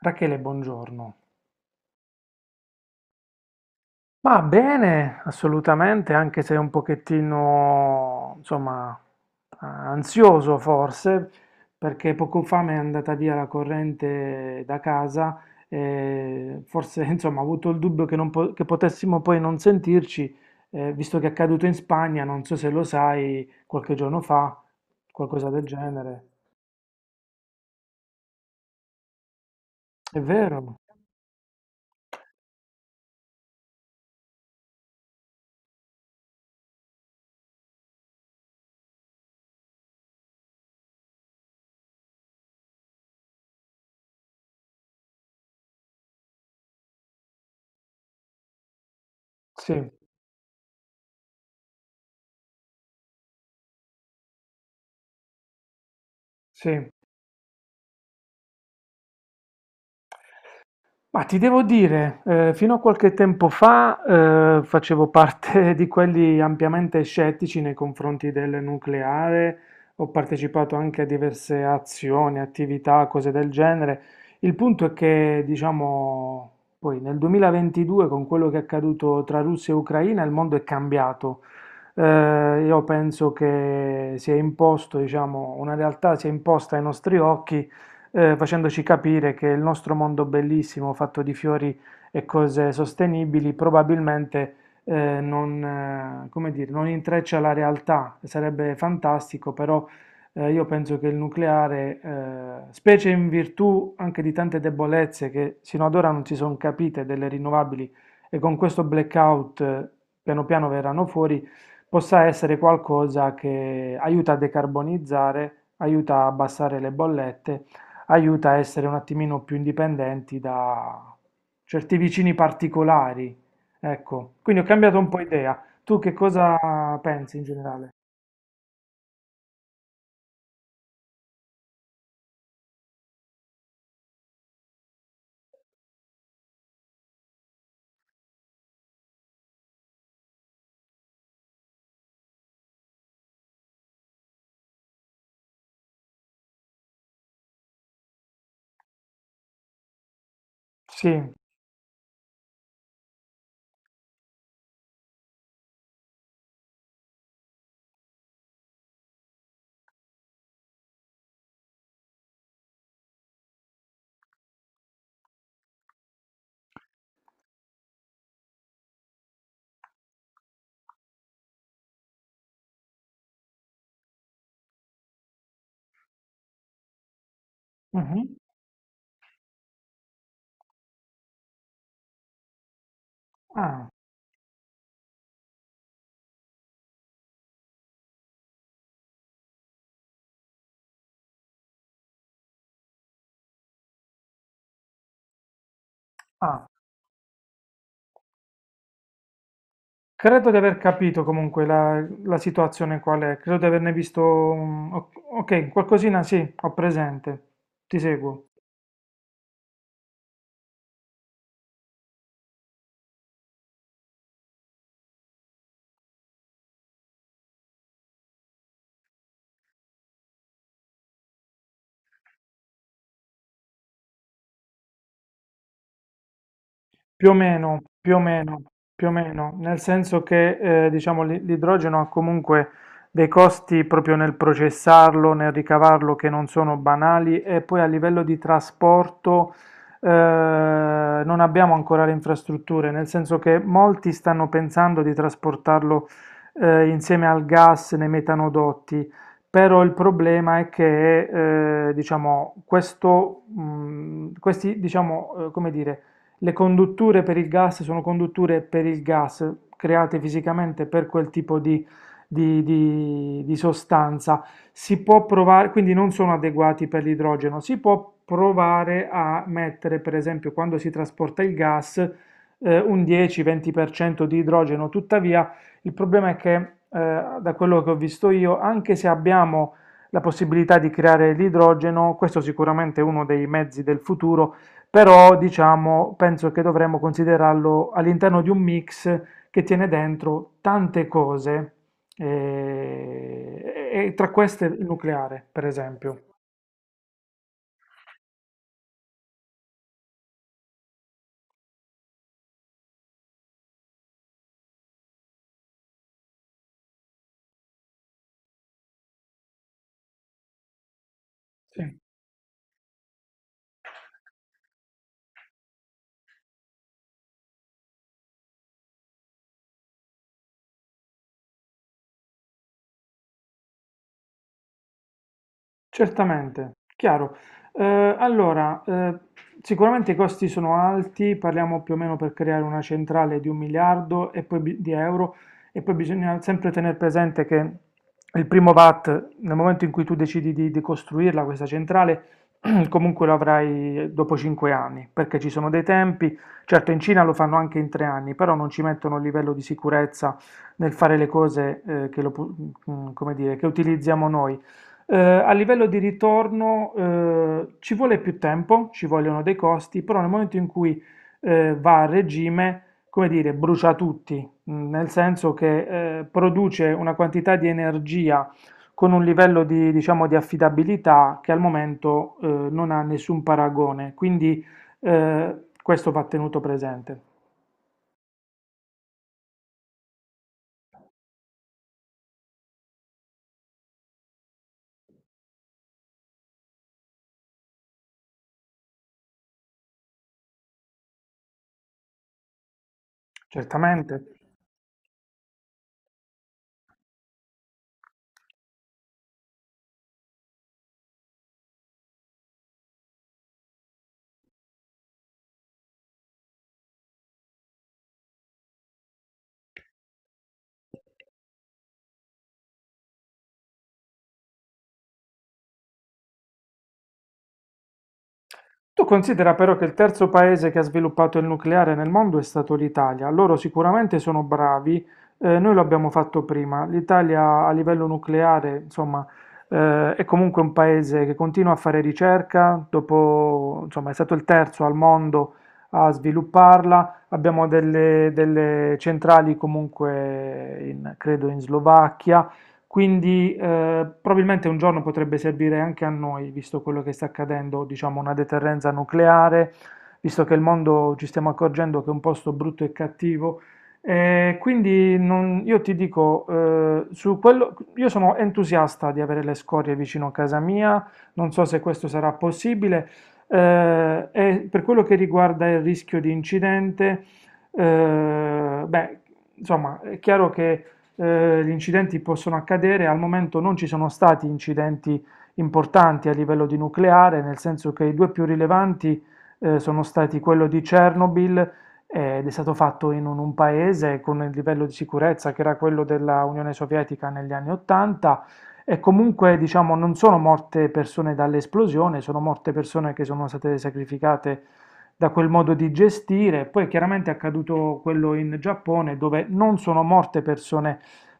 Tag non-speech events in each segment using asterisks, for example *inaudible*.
Rachele, buongiorno. Ma bene, assolutamente, anche se un pochettino, insomma, ansioso forse, perché poco fa mi è andata via la corrente da casa e forse, *laughs* insomma, ho avuto il dubbio che, non po- che potessimo poi non sentirci, visto che è accaduto in Spagna, non so se lo sai, qualche giorno fa, qualcosa del genere. È vero? Sì, sì. Ma ti devo dire, fino a qualche tempo fa facevo parte *laughs* di quelli ampiamente scettici nei confronti del nucleare, ho partecipato anche a diverse azioni, attività, cose del genere. Il punto è che, diciamo, poi nel 2022, con quello che è accaduto tra Russia e Ucraina, il mondo è cambiato. Io penso che si è imposto, diciamo, una realtà si è imposta ai nostri occhi facendoci capire che il nostro mondo bellissimo, fatto di fiori e cose sostenibili, probabilmente non, come dire, non intreccia la realtà. Sarebbe fantastico, però io penso che il nucleare, specie in virtù anche di tante debolezze che sino ad ora non si sono capite delle rinnovabili e con questo blackout piano piano verranno fuori, possa essere qualcosa che aiuta a decarbonizzare, aiuta a abbassare le bollette, aiuta a essere un attimino più indipendenti da certi vicini particolari. Ecco, quindi ho cambiato un po' idea. Tu che cosa pensi in generale? Sì. Mhm. Ah, ah. Credo di aver capito comunque la situazione qual è. Credo di averne visto ok, qualcosina sì, ho presente. Ti seguo. Più o meno, più o meno, più o meno, nel senso che diciamo l'idrogeno ha comunque dei costi proprio nel processarlo, nel ricavarlo che non sono banali, e poi a livello di trasporto eh, non abbiamo ancora le infrastrutture, nel senso che molti stanno pensando di trasportarlo insieme al gas nei metanodotti, però il problema è che diciamo, questi diciamo, come dire, le condutture per il gas sono condutture per il gas create fisicamente per quel tipo di, sostanza. Si può provare, quindi non sono adeguati per l'idrogeno. Si può provare a mettere, per esempio, quando si trasporta il gas, un 10-20% di idrogeno. Tuttavia, il problema è che, da quello che ho visto io, anche se abbiamo la possibilità di creare l'idrogeno, questo sicuramente è uno dei mezzi del futuro, però, diciamo, penso che dovremmo considerarlo all'interno di un mix che tiene dentro tante cose, e tra queste il nucleare, per esempio. Sì. Certamente, chiaro. Eh, allora, sicuramente i costi sono alti, parliamo più o meno per creare una centrale di un miliardo e poi di euro, e poi bisogna sempre tenere presente che il primo VAT, nel momento in cui tu decidi di costruirla questa centrale, *clears throat* comunque lo avrai dopo 5 anni, perché ci sono dei tempi, certo in Cina lo fanno anche in 3 anni, però non ci mettono il livello di sicurezza nel fare le cose che, lo pu- mm, come dire, che utilizziamo noi. A livello di ritorno ci vuole più tempo, ci vogliono dei costi, però nel momento in cui va a regime, come dire, brucia tutti, nel senso che produce una quantità di energia con un livello di, diciamo, di affidabilità che al momento non ha nessun paragone, quindi eh, questo va tenuto presente. Certamente. Tu considera però che il terzo paese che ha sviluppato il nucleare nel mondo è stato l'Italia. Loro sicuramente sono bravi, noi lo abbiamo fatto prima. L'Italia a livello nucleare, insomma, è comunque un paese che continua a fare ricerca, dopo, insomma, è stato il terzo al mondo a svilupparla. Abbiamo delle, centrali comunque credo in Slovacchia. Quindi probabilmente un giorno potrebbe servire anche a noi, visto quello che sta accadendo, diciamo una deterrenza nucleare, visto che il mondo ci stiamo accorgendo che è un posto brutto e cattivo. Io ti dico, su quello, io sono entusiasta di avere le scorie vicino a casa mia, non so se questo sarà possibile. E per quello che riguarda il rischio di incidente, beh, insomma, è chiaro che gli incidenti possono accadere, al momento non ci sono stati incidenti importanti a livello di nucleare, nel senso che i due più rilevanti sono stati quello di Chernobyl, ed è stato fatto in un paese con il livello di sicurezza che era quello della Unione Sovietica negli anni 80, e comunque diciamo non sono morte persone dall'esplosione, sono morte persone che sono state sacrificate da quel modo di gestire. Poi chiaramente è accaduto quello in Giappone dove non sono morte persone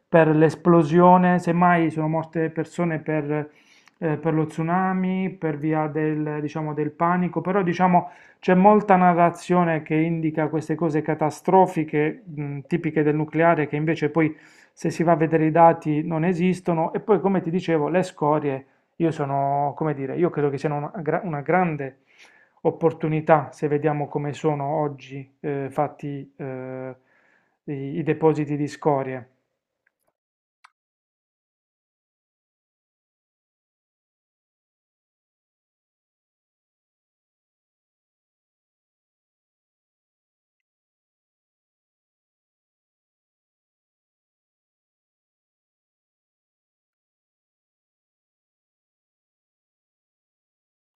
per l'esplosione, semmai sono morte persone per, per lo tsunami, per via del, diciamo, del panico, però diciamo c'è molta narrazione che indica queste cose catastrofiche, tipiche del nucleare, che invece poi se si va a vedere i dati non esistono. E poi, come ti dicevo, le scorie, io sono, come dire, io credo che siano una grande opportunità se vediamo come sono oggi fatti i, i depositi di scorie.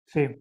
Sì,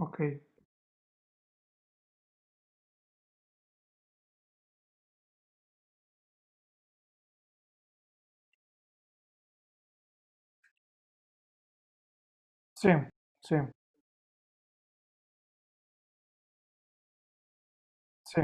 okay. Sì, sì, sì,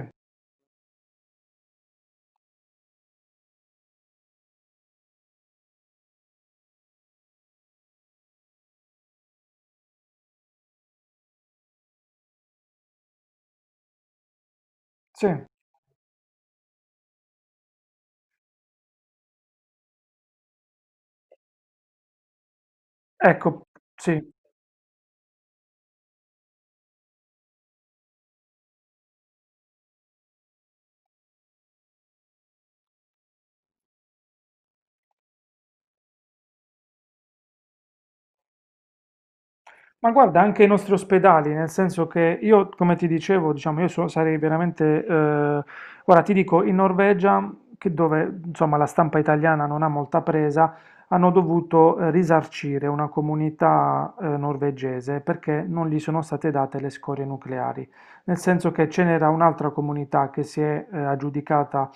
sì, ecco, sì. Ma guarda anche i nostri ospedali, nel senso che io come ti dicevo, diciamo, io sarei veramente, guarda ti dico in Norvegia, che dove insomma la stampa italiana non ha molta presa, hanno dovuto, risarcire una comunità, norvegese, perché non gli sono state date le scorie nucleari. Nel senso che ce n'era un'altra comunità che si è, aggiudicata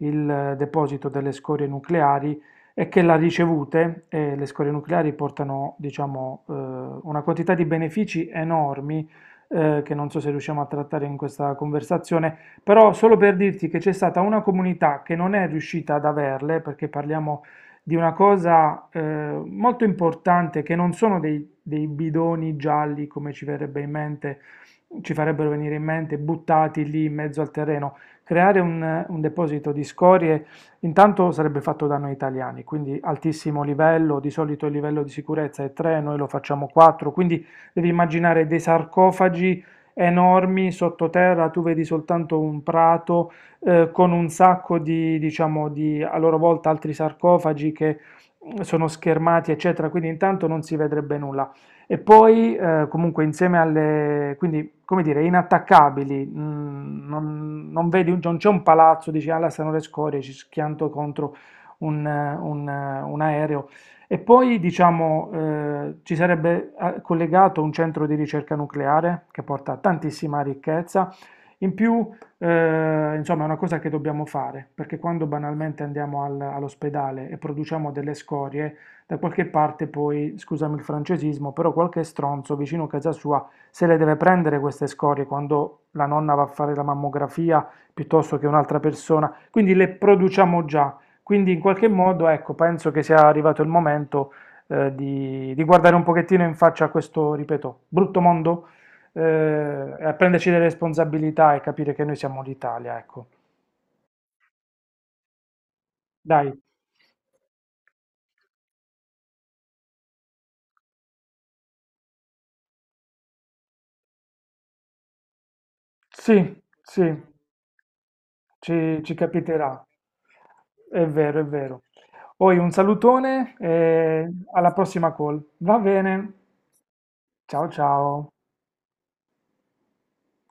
il deposito delle scorie nucleari, è che la ricevute, le scorie nucleari portano, diciamo, una quantità di benefici enormi, che non so se riusciamo a trattare in questa conversazione, però solo per dirti che c'è stata una comunità che non è riuscita ad averle, perché parliamo di una cosa molto importante, che non sono dei bidoni gialli, come ci verrebbe in mente, ci farebbero venire in mente, buttati lì in mezzo al terreno. Creare un deposito di scorie. Intanto sarebbe fatto da noi italiani, quindi altissimo livello, di solito il livello di sicurezza è 3, noi lo facciamo 4, quindi devi immaginare dei sarcofagi enormi sottoterra, tu vedi soltanto un prato con un sacco di, diciamo, di a loro volta altri sarcofagi che sono schermati, eccetera, quindi intanto non si vedrebbe nulla. E poi comunque insieme alle, quindi come dire, inattaccabili, non, non vedi, non c'è un palazzo, dici, alla stanno le scorie, ci schianto contro un aereo. E poi diciamo ci sarebbe collegato un centro di ricerca nucleare che porta tantissima ricchezza. In più, insomma, è una cosa che dobbiamo fare, perché quando banalmente andiamo all'ospedale e produciamo delle scorie, da qualche parte poi, scusami il francesismo, però qualche stronzo vicino a casa sua se le deve prendere queste scorie quando la nonna va a fare la mammografia piuttosto che un'altra persona, quindi le produciamo già. Quindi in qualche modo, ecco, penso che sia arrivato il momento di guardare un pochettino in faccia a questo, ripeto, brutto mondo, e prenderci delle responsabilità e capire che noi siamo l'Italia, ecco. Dai. Sì, sì. Ci capiterà. È vero, è vero. Poi un salutone e alla prossima call. Va bene. Ciao ciao.